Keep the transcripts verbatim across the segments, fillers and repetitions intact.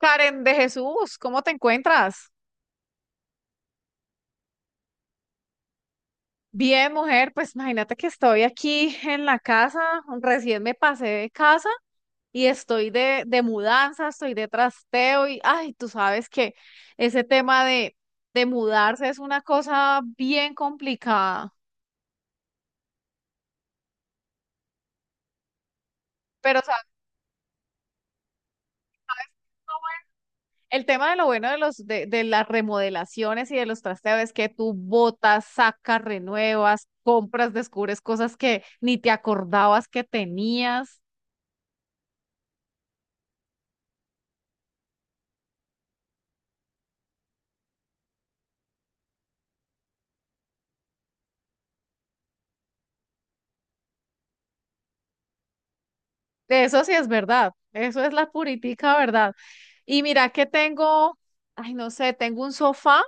Karen de Jesús, ¿cómo te encuentras? Bien, mujer, pues imagínate que estoy aquí en la casa, recién me pasé de casa y estoy de, de mudanza, estoy de trasteo y, ay, tú sabes que ese tema de, de mudarse es una cosa bien complicada, pero ¿sabes? ¿Bueno? El tema de lo bueno de los de, de las remodelaciones y de los trasteos es que tú botas, sacas, renuevas, compras, descubres cosas que ni te acordabas que tenías. Eso sí es verdad, eso es la puritica verdad. Y mira que tengo, ay, no sé, tengo un sofá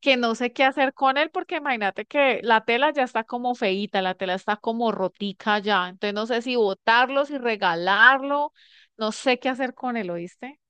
que no sé qué hacer con él porque imagínate que la tela ya está como feíta, la tela está como rotica ya, entonces no sé si botarlo, si regalarlo, no sé qué hacer con él, ¿oíste?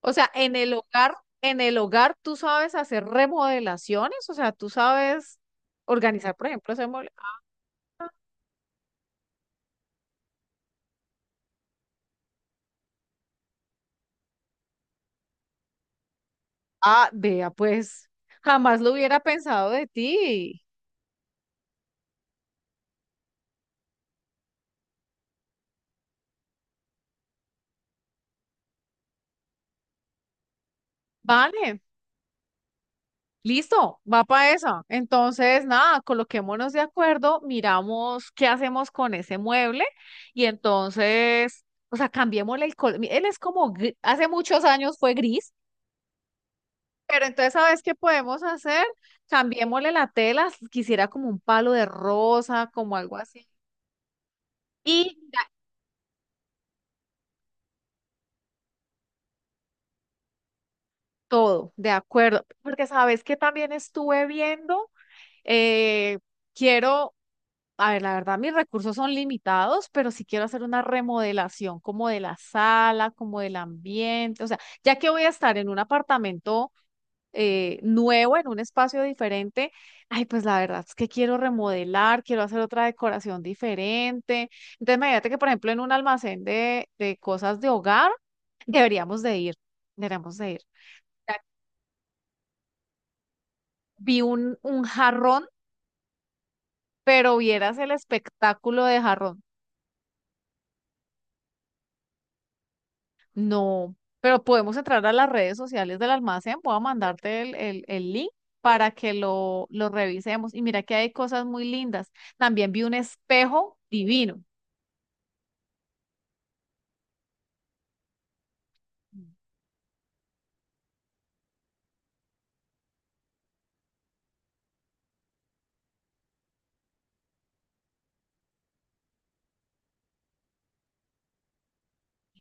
O sea, en el hogar, en el hogar tú sabes hacer remodelaciones, o sea, tú sabes organizar, por ejemplo, ese mueble. Ah, vea, pues jamás lo hubiera pensado de ti. Vale. Listo, va para esa. Entonces, nada, coloquémonos de acuerdo, miramos qué hacemos con ese mueble y entonces, o sea, cambiémosle el color. Él es como, gri- hace muchos años fue gris, pero entonces, ¿sabes qué podemos hacer? Cambiémosle la tela, quisiera como un palo de rosa, como algo así. Y ya, todo, de acuerdo, porque sabes que también estuve viendo, eh, quiero. A ver, la verdad, mis recursos son limitados, pero si quiero hacer una remodelación como de la sala, como del ambiente, o sea, ya que voy a estar en un apartamento eh, nuevo, en un espacio diferente, ay, pues la verdad es que quiero remodelar, quiero hacer otra decoración diferente. Entonces, imagínate que, por ejemplo, en un almacén de, de cosas de hogar, deberíamos de ir, deberíamos de ir. Vi un, un jarrón, pero vieras el espectáculo de jarrón. No, pero podemos entrar a las redes sociales del almacén. Voy a mandarte el, el- el link para que lo, lo revisemos. Y mira que hay cosas muy lindas. También vi un espejo divino.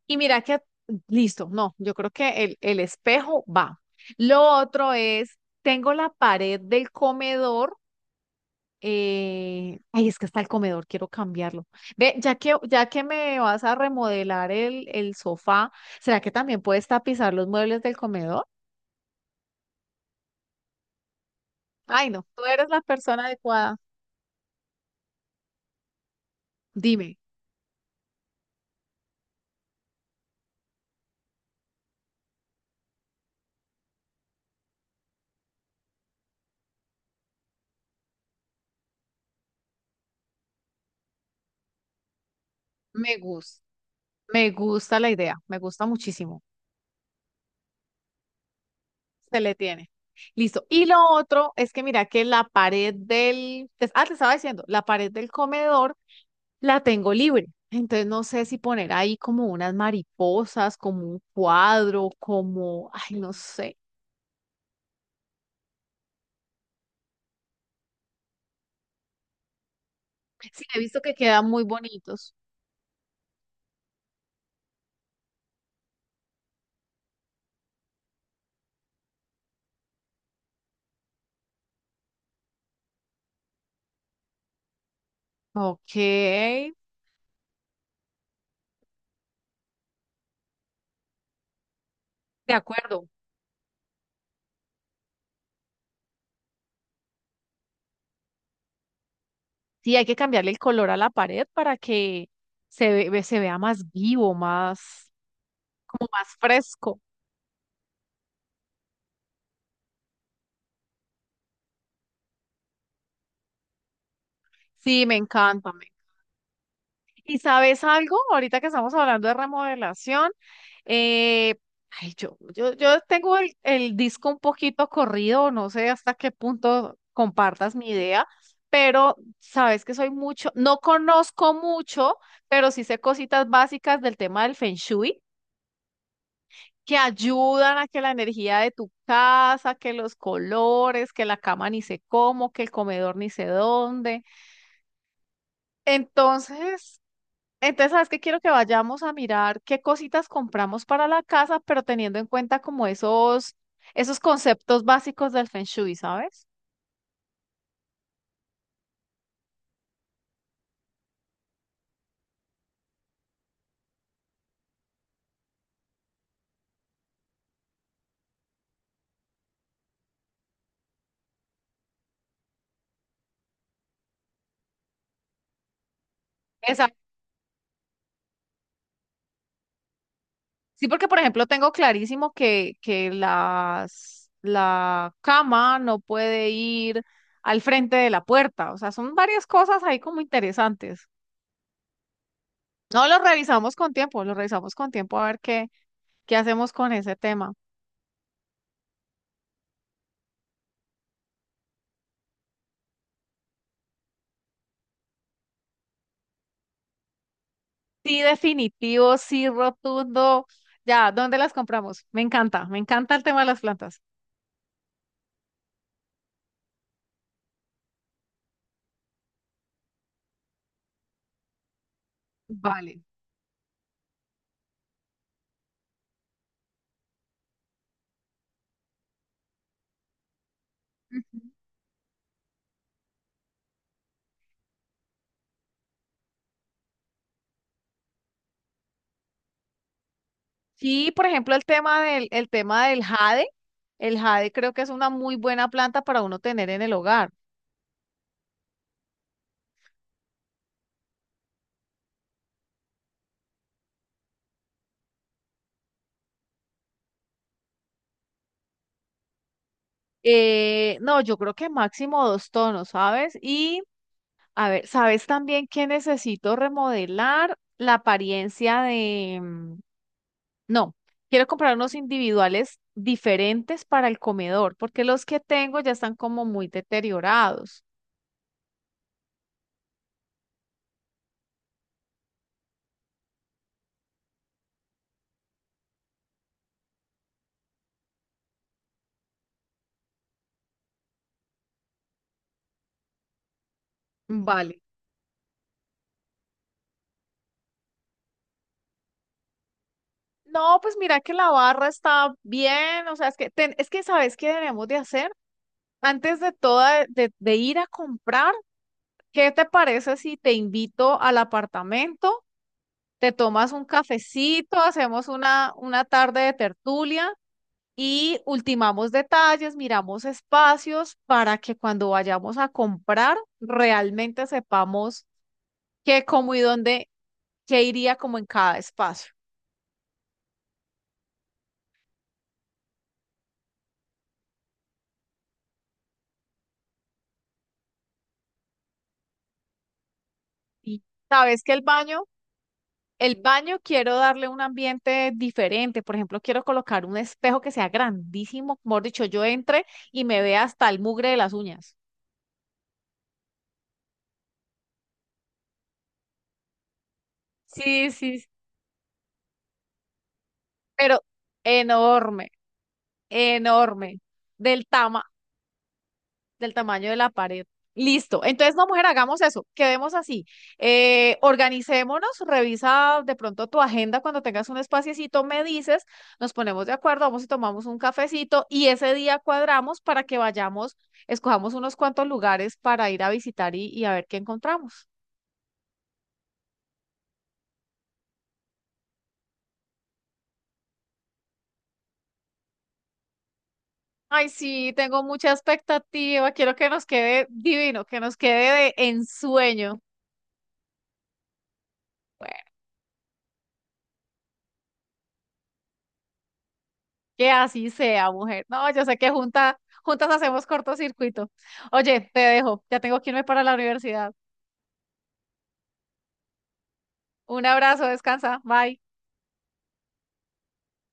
Y mira que, listo, no, yo creo que el, el espejo va. Lo otro es, tengo la pared del comedor. eh, ay, es que está el comedor, quiero cambiarlo. Ve, ya que, ya que me vas a remodelar el, el sofá, ¿será que también puedes tapizar los muebles del comedor? Ay, no, tú eres la persona adecuada. Dime, me gusta, me gusta la idea, me gusta muchísimo. Se le tiene. Listo. Y lo otro es que mira que la pared del, te- ah, te estaba diciendo, la pared del comedor la tengo libre. Entonces no sé si poner ahí como unas mariposas, como un cuadro, como, ay, no sé. Sí, he visto que quedan muy bonitos. Ok, de acuerdo. Sí, hay que cambiarle el color a la pared para que se, ve- ve- se vea más vivo, más, como más fresco. Sí, me encanta. me- ¿Y sabes algo? Ahorita que estamos hablando de remodelación, eh, ay, yo, yo, yo tengo el, el disco un poquito corrido, no sé hasta qué punto compartas mi idea, pero sabes que soy mucho, no conozco mucho, pero sí sé cositas básicas del tema del Feng Shui. Que ayudan a que la energía de tu casa, que los colores, que la cama ni sé cómo, que el comedor ni sé dónde. Entonces, entonces, ¿sabes qué? Quiero que vayamos a mirar qué cositas compramos para la casa, pero teniendo en cuenta como esos, esos conceptos básicos del Feng Shui, ¿sabes? Exacto. Sí, porque por ejemplo tengo clarísimo que, que las, la cama no puede ir al frente de la puerta. O sea, son varias cosas ahí como interesantes. No lo revisamos con tiempo, lo revisamos con tiempo a ver qué, qué hacemos con ese tema. Sí, definitivo, sí, rotundo. Ya, ¿dónde las compramos? Me encanta, me encanta el tema de las plantas. Vale. Ujú. Sí, por ejemplo, el tema del, el tema del jade. El jade creo que es una muy buena planta para uno tener en el hogar. Eh, no, yo creo que máximo dos tonos, ¿sabes? Y a ver, ¿sabes también que necesito remodelar la apariencia de... mm, no, quiero comprar unos individuales diferentes para el comedor, porque los que tengo ya están como muy deteriorados. Vale. No, pues mira que la barra está bien, o sea, es que, ten- es que ¿sabes qué debemos de hacer? Antes de toda, de, de ir a comprar, ¿qué te parece si te invito al apartamento, te tomas un cafecito, hacemos una, una tarde de tertulia y ultimamos detalles, miramos espacios para que cuando vayamos a comprar realmente sepamos qué, cómo y dónde, qué iría como en cada espacio. Y sabes que el baño, el baño quiero darle un ambiente diferente. Por ejemplo, quiero colocar un espejo que sea grandísimo, mejor dicho, yo entre y me vea hasta el mugre de las uñas. Sí, sí, sí, pero enorme. Enorme, del tama, del tamaño de la pared. Listo. Entonces, no, mujer, hagamos eso. Quedemos así. Eh, organicémonos, revisa de pronto tu agenda cuando tengas un espaciecito, me dices, nos ponemos de acuerdo, vamos y tomamos un cafecito y ese día cuadramos para que vayamos, escojamos unos cuantos lugares para ir a visitar y, y a ver qué encontramos. Ay, sí, tengo mucha expectativa. Quiero que nos quede divino, que nos quede de ensueño. Que así sea, mujer. No, yo sé que junta, juntas hacemos cortocircuito. Oye, te dejo. Ya tengo que irme para la universidad. Un abrazo, descansa. Bye.